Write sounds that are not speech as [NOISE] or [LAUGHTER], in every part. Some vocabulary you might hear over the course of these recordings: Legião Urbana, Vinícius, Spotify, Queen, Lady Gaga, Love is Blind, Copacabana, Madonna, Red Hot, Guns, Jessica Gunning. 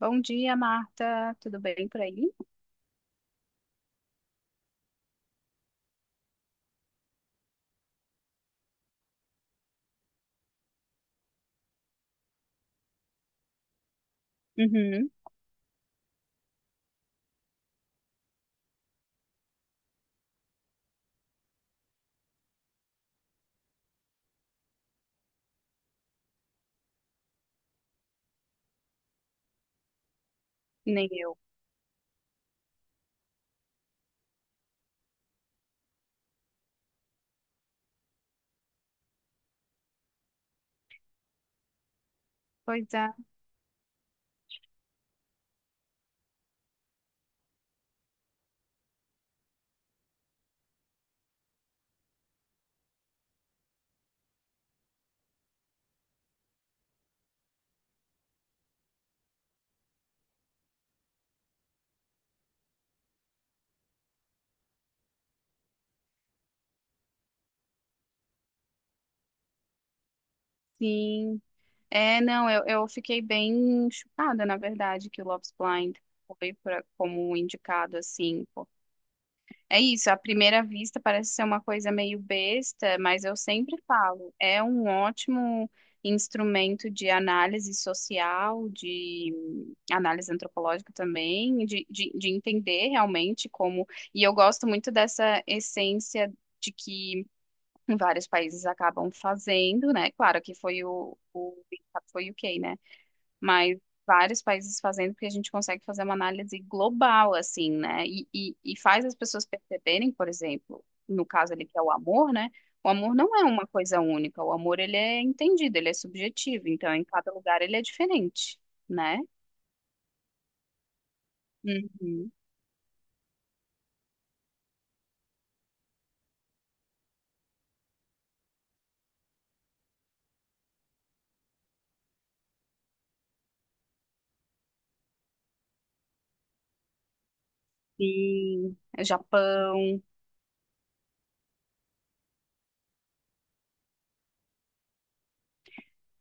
Bom dia, Marta. Tudo bem por aí? Uhum, nem eu. Pois é, sim. É, não, eu fiquei bem chocada, na verdade, que o Love is Blind foi pra, como indicado, assim, é isso, à primeira vista parece ser uma coisa meio besta, mas eu sempre falo, é um ótimo instrumento de análise social, de análise antropológica também, de entender realmente como. E eu gosto muito dessa essência de que vários países acabam fazendo, né? Claro que foi o foi o UK, né? Mas vários países fazendo, porque a gente consegue fazer uma análise global, assim, né? E faz as pessoas perceberem, por exemplo, no caso ali que é o amor, né? O amor não é uma coisa única, o amor ele é entendido, ele é subjetivo, então em cada lugar ele é diferente, né? Uhum. Sim, o Japão.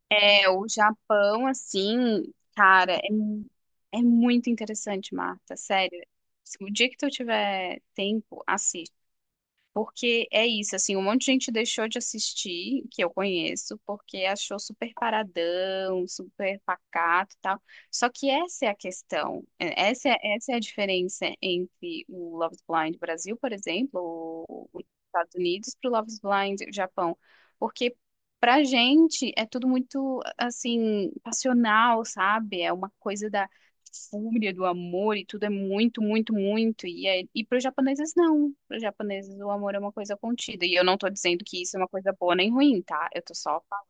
É, o Japão, assim, cara, é muito interessante, Marta, sério. Se o dia que tu tiver tempo, assiste. Porque é isso, assim, um monte de gente deixou de assistir, que eu conheço, porque achou super paradão, super pacato e tal. Só que essa é a questão, essa é a diferença entre o Love is Blind Brasil, por exemplo, ou os Estados Unidos, para o Love is Blind Japão. Porque pra gente é tudo muito, assim, passional, sabe? É uma coisa da fúria do amor e tudo é muito, muito, muito. E, é, e para os japoneses, não. Para os japoneses, o amor é uma coisa contida. E eu não tô dizendo que isso é uma coisa boa nem ruim, tá? Eu tô só falando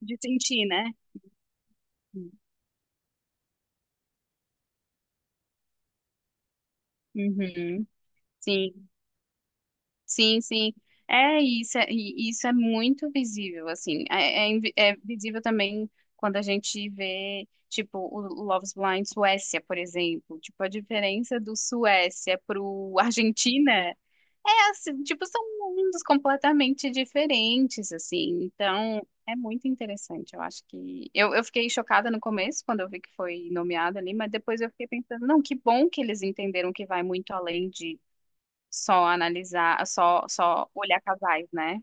de sentir, né? Uhum. Sim, sim, sim. É isso, é, e isso é muito visível, assim. É, é visível também quando a gente vê, tipo, o Love is Blind Suécia, por exemplo. Tipo, a diferença do Suécia pro Argentina assim, tipo, são mundos completamente diferentes, assim. Então, é muito interessante. Eu acho que. Eu fiquei chocada no começo, quando eu vi que foi nomeado ali, mas depois eu fiquei pensando, não, que bom que eles entenderam que vai muito além de só analisar, só olhar casais, né?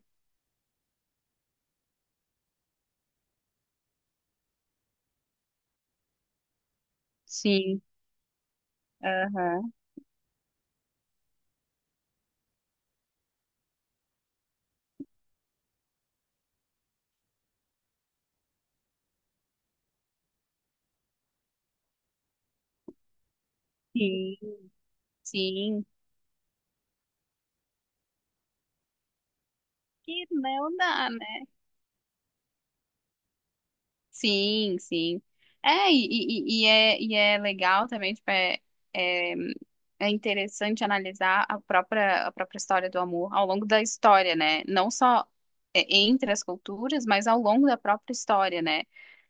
Sim. Aham. Sim. Sim. Que não dá, né? Sim, sim. E é legal também, tipo, é, é, é interessante analisar a própria história do amor ao longo da história, né? Não só é, entre as culturas, mas ao longo da própria história, né?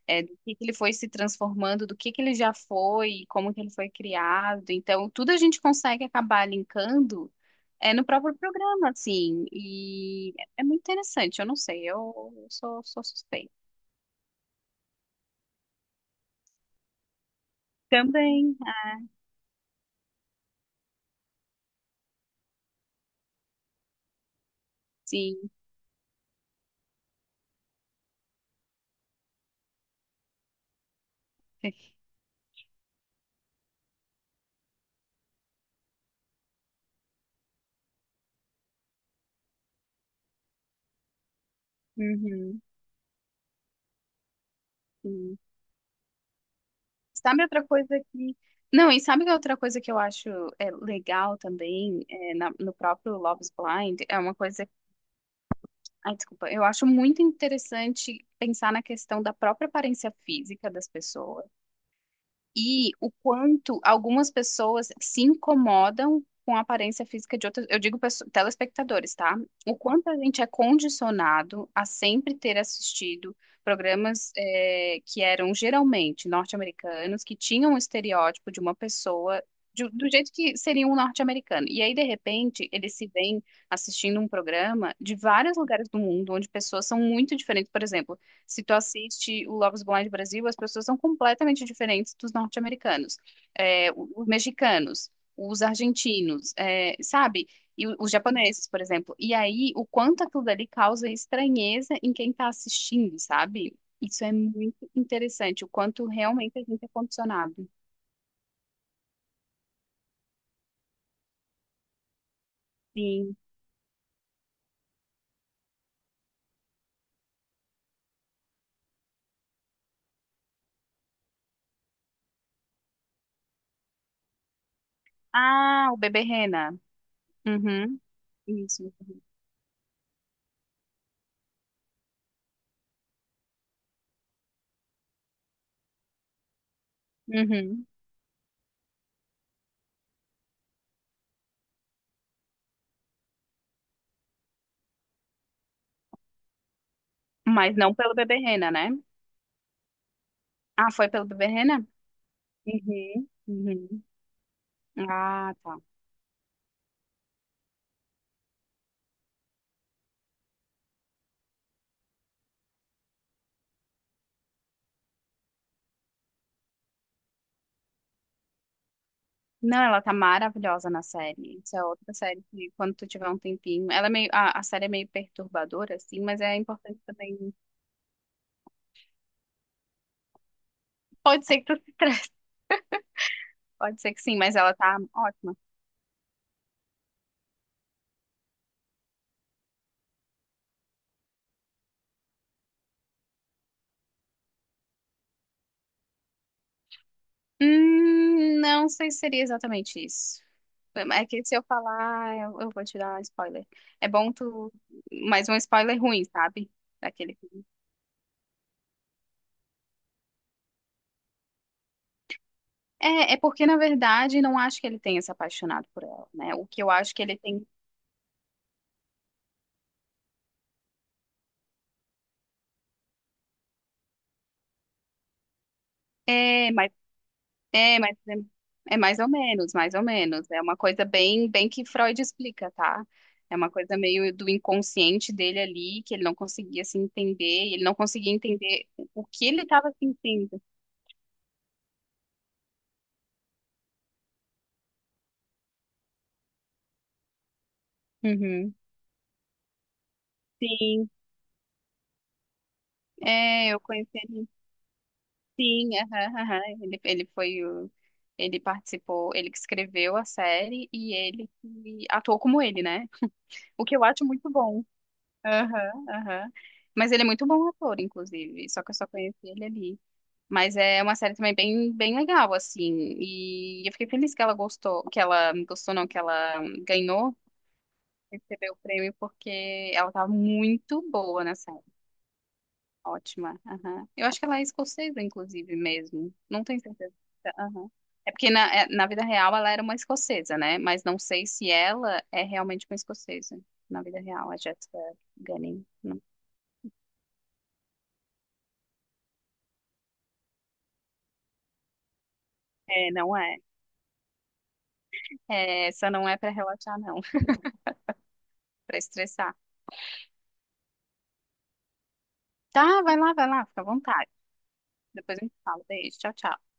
É, do que ele foi se transformando, do que ele já foi, como que ele foi criado. Então, tudo a gente consegue acabar linkando é, no próprio programa, assim. E é muito interessante, eu não sei, eu, sou suspeita. Também, sim. Uhum, sim. Sabe outra coisa que. Não, e sabe que outra coisa que eu acho é, legal também é, no próprio Love is Blind? É uma coisa. Ai, desculpa. Eu acho muito interessante pensar na questão da própria aparência física das pessoas. E o quanto algumas pessoas se incomodam com a aparência física de outras, eu digo telespectadores, tá? O quanto a gente é condicionado a sempre ter assistido programas que eram geralmente norte-americanos, que tinham um estereótipo de uma pessoa do jeito que seria um norte-americano. E aí, de repente, eles se veem assistindo um programa de vários lugares do mundo, onde pessoas são muito diferentes. Por exemplo, se tu assiste o Love is Blind Brasil, as pessoas são completamente diferentes dos norte-americanos, é, os mexicanos, os argentinos, é, sabe? E os japoneses, por exemplo. E aí, o quanto aquilo dali causa estranheza em quem tá assistindo, sabe? Isso é muito interessante, o quanto realmente a gente é condicionado. Sim. Ah, o bebê Rena. Uhum, isso. Uhum. Mas não pelo bebê Rena, né? Ah, foi pelo bebê Rena? Uhum, uhum. Ah, tá. Não, ela tá maravilhosa na série. Isso é outra série que, quando tu tiver um tempinho, ela é meio, a série é meio perturbadora, assim, mas é importante também. Pode ser que tu se estresse, [LAUGHS] pode ser que sim, mas ela tá ótima. Não sei se seria exatamente isso. É que se eu falar, eu vou te dar spoiler. É bom tu, mas um spoiler ruim, sabe? Daquele filme. É, é porque, na verdade, não acho que ele tenha se apaixonado por ela, né? O que eu acho que ele tem. É, mas é, mas é, é mais ou menos, mais ou menos. É uma coisa bem, bem que Freud explica, tá? É uma coisa meio do inconsciente dele ali, que ele não conseguia se entender, e ele não conseguia entender o que ele estava sentindo. Uhum. Sim, é, eu conheci ele. Sim, aham, aham. Ele foi o, ele participou, ele que escreveu a série e ele que atuou como ele, né? O que eu acho muito bom. Aham, aham. Mas ele é muito bom ator, inclusive, só que eu só conheci ele ali. Mas é uma série também bem, bem legal, assim. E eu fiquei feliz que ela gostou, não, que ela ganhou, recebeu o prêmio, porque ela tá muito boa na série. Ótima. Aham. Eu acho que ela é escocesa, inclusive, mesmo. Não tenho certeza. Aham. É porque na, na vida real ela era uma escocesa, né? Mas não sei se ela é realmente uma escocesa. Na vida real, a Jessica Gunning. Não. É, não é. É, essa não é pra relaxar, não. [LAUGHS] Pra estressar. Tá, vai lá, fica à vontade. Depois a gente fala. Beijo. Tchau, tchau.